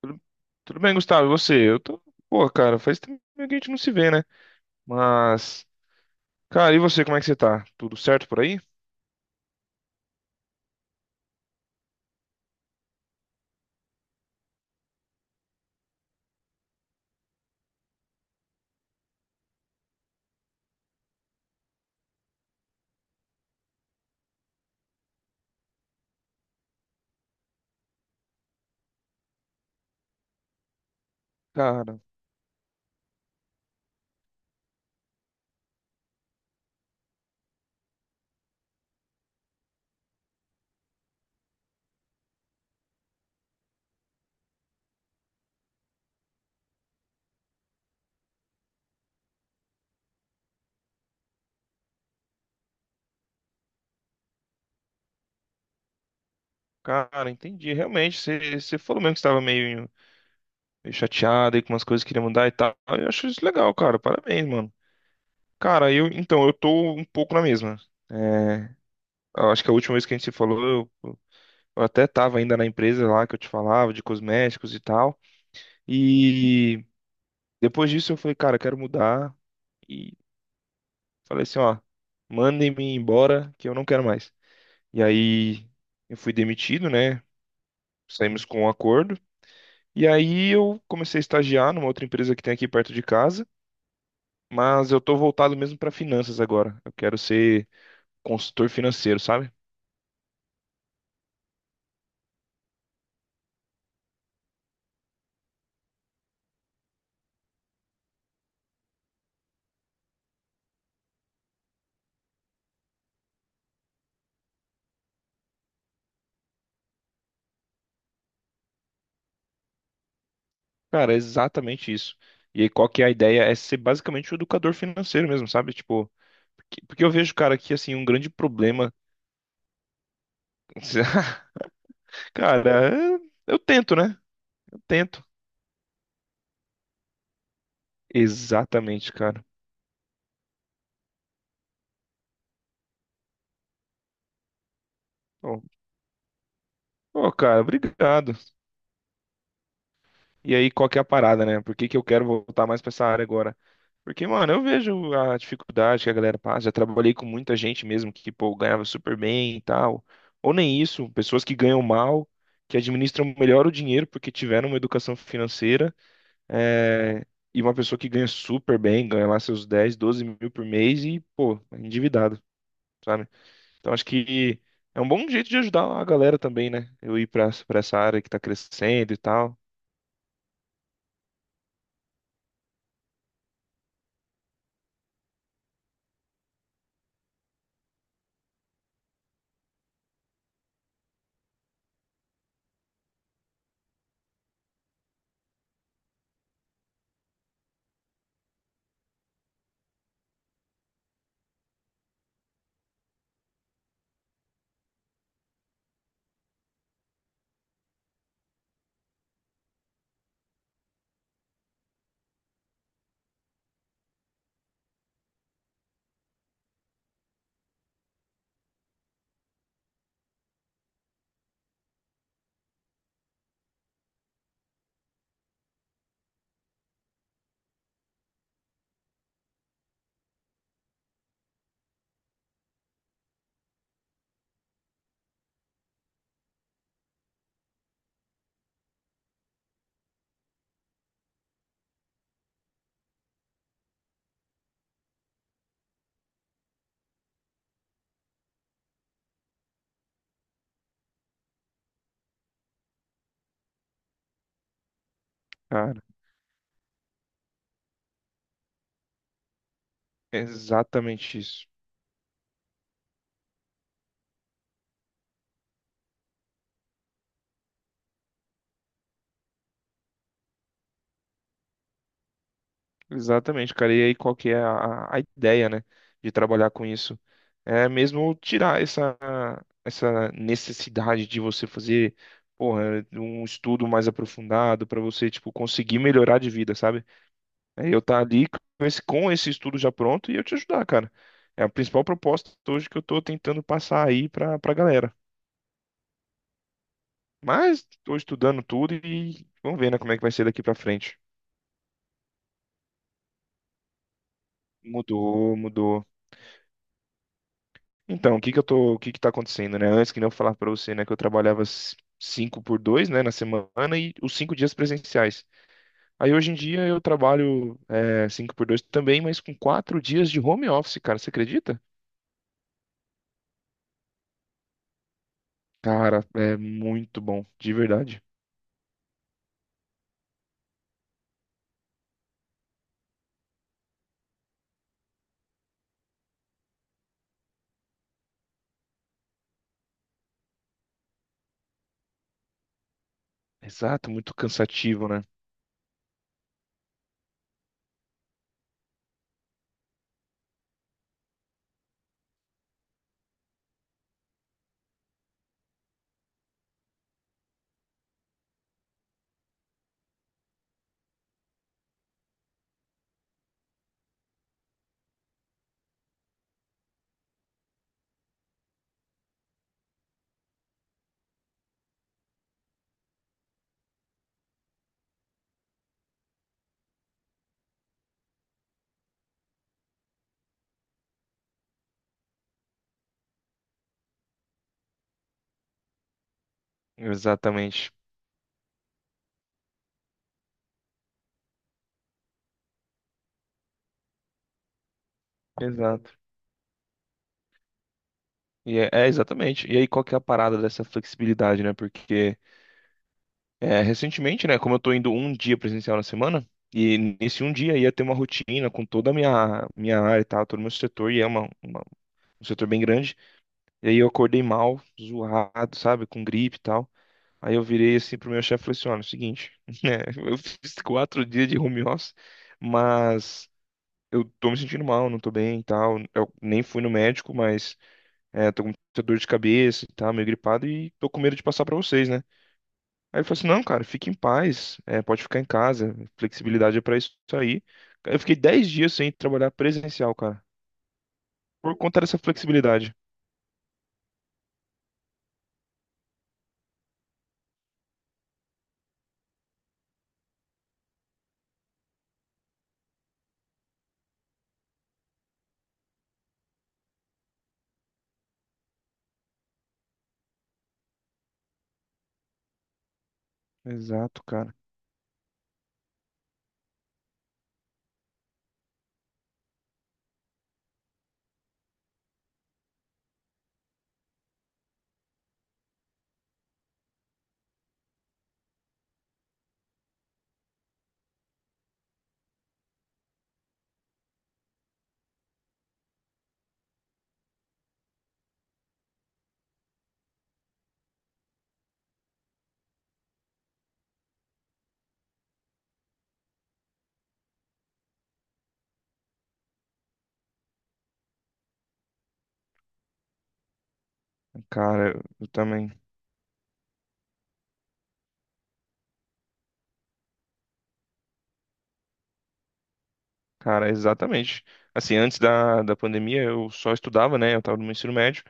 Tudo. Tudo bem, Gustavo? E você? Eu tô. Pô, cara, faz tempo que a gente não se vê, né? Mas. Cara, e você, como é que você tá? Tudo certo por aí? Cara, cara, entendi. Realmente, você falou mesmo que estava meio chateado aí com umas coisas que queria mudar e tal. Eu acho isso legal, cara. Parabéns, mano. Cara, eu. Então, eu tô um pouco na mesma. É, eu acho que a última vez que a gente se falou, eu até tava ainda na empresa lá que eu te falava, de cosméticos e tal. E depois disso eu falei, cara, eu quero mudar. Falei assim, ó, mandem-me embora que eu não quero mais. E aí eu fui demitido, né? Saímos com um acordo. E aí eu comecei a estagiar numa outra empresa que tem aqui perto de casa, mas eu tô voltado mesmo para finanças agora. Eu quero ser consultor financeiro, sabe? Cara, é exatamente isso. E aí qual que é a ideia? É ser basicamente o educador financeiro mesmo, sabe? Tipo, porque eu vejo, cara, que assim, um grande problema. Cara, eu tento, né? Eu tento. Exatamente, cara. Pô, cara, obrigado. E aí, qual que é a parada, né? Por que que eu quero voltar mais pra essa área agora? Porque, mano, eu vejo a dificuldade que a galera passa. Já trabalhei com muita gente mesmo que, pô, ganhava super bem e tal. Ou nem isso, pessoas que ganham mal, que administram melhor o dinheiro porque tiveram uma educação financeira. é, E uma pessoa que ganha super bem, ganha lá seus 10 12 mil por mês e, pô, é endividado, sabe? Então, acho que é um bom jeito de ajudar a galera também, né? Eu ir pra essa área que tá crescendo e tal. Cara, é exatamente isso. Exatamente, cara. E aí, qual que é a ideia, né, de trabalhar com isso? É mesmo tirar essa necessidade de você fazer, porra, um estudo mais aprofundado para você, tipo, conseguir melhorar de vida, sabe? É eu tá ali com esse estudo já pronto e eu te ajudar, cara. É a principal proposta hoje que eu tô tentando passar aí pra galera. Mas tô estudando tudo e vamos ver, né, como é que vai ser daqui pra frente. Mudou, mudou. Então, o que que tá acontecendo, né? Antes que nem eu falar pra você, né, que eu trabalhava s- cinco por dois, né, na semana e os 5 dias presenciais. Aí hoje em dia eu trabalho é, cinco por dois também, mas com 4 dias de home office, cara, você acredita? Cara, é muito bom, de verdade. Exato, muito cansativo, né? Exatamente. Exato. E exatamente. E aí, qual que é a parada dessa flexibilidade, né? Porque. É, recentemente, né, como eu tô indo um dia presencial na semana, e nesse um dia ia ter uma rotina com toda a minha área e tal, todo o meu setor, e é um setor bem grande, e aí eu acordei mal, zoado, sabe, com gripe e tal. Aí eu virei assim pro meu chefe e falei assim, olha, é o seguinte, né, eu fiz 4 dias de home office, mas eu tô me sentindo mal, não tô bem e tal, eu nem fui no médico, mas tô com muita dor de cabeça e tal, meio gripado, e tô com medo de passar pra vocês, né? Aí ele falou assim, não, cara, fique em paz, pode ficar em casa, flexibilidade é pra isso aí. Eu fiquei 10 dias sem trabalhar presencial, cara, por conta dessa flexibilidade. Exato, cara. Cara, eu também. Cara, exatamente. Assim, antes da pandemia eu só estudava, né? Eu tava no meu ensino médio.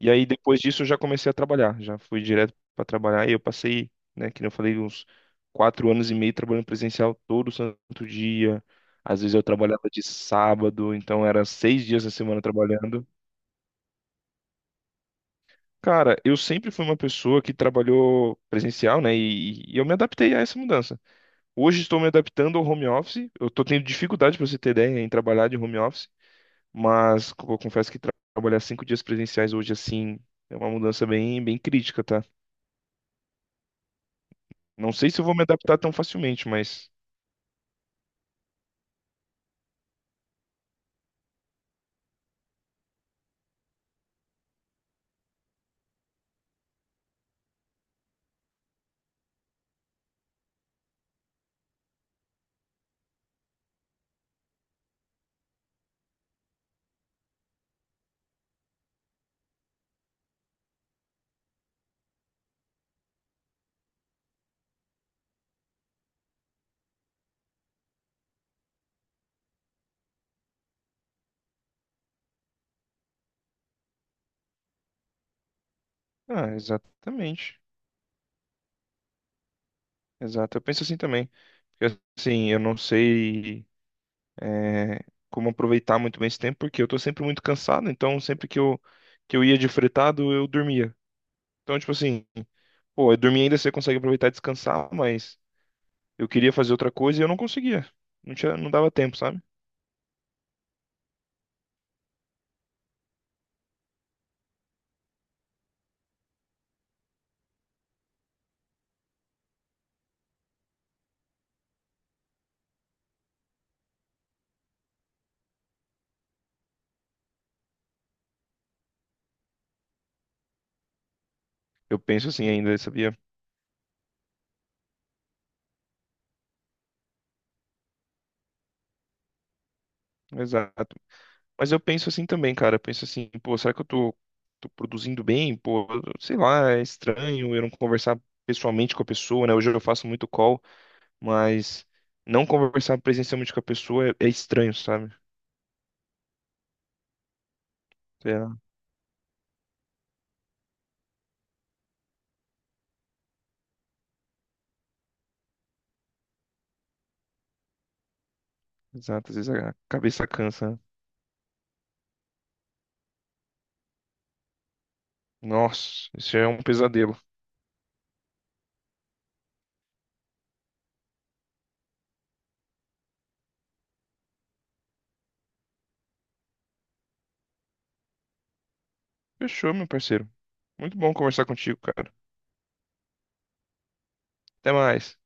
E aí depois disso eu já comecei a trabalhar, já fui direto pra trabalhar e eu passei, né, que nem eu falei, uns 4 anos e meio trabalhando presencial todo santo dia. Às vezes eu trabalhava de sábado, então era 6 dias na semana trabalhando. Cara, eu sempre fui uma pessoa que trabalhou presencial, né? E eu me adaptei a essa mudança. Hoje estou me adaptando ao home office. Eu estou tendo dificuldade, para você ter ideia, em trabalhar de home office. Mas eu confesso que trabalhar 5 dias presenciais hoje, assim, é uma mudança bem, bem crítica, tá? Não sei se eu vou me adaptar tão facilmente, mas. Ah, exatamente. Exato. Eu penso assim também. Porque, assim, eu não sei. é, Como aproveitar muito bem esse tempo, porque eu tô sempre muito cansado, então sempre que eu ia de fretado, eu dormia. Então, tipo assim, pô, eu dormia ainda você consegue aproveitar e descansar, mas eu queria fazer outra coisa e eu não conseguia. Não tinha, não dava tempo, sabe? Eu penso assim ainda, sabia? Exato. Mas eu penso assim também, cara. Eu penso assim, pô, será que eu tô produzindo bem? Pô, sei lá, é estranho eu não conversar pessoalmente com a pessoa, né? Hoje eu faço muito call, mas não conversar presencialmente com a pessoa é estranho, sabe? É, exato, às vezes a cabeça cansa, né? Nossa, isso é um pesadelo. Fechou, meu parceiro. Muito bom conversar contigo, cara. Até mais.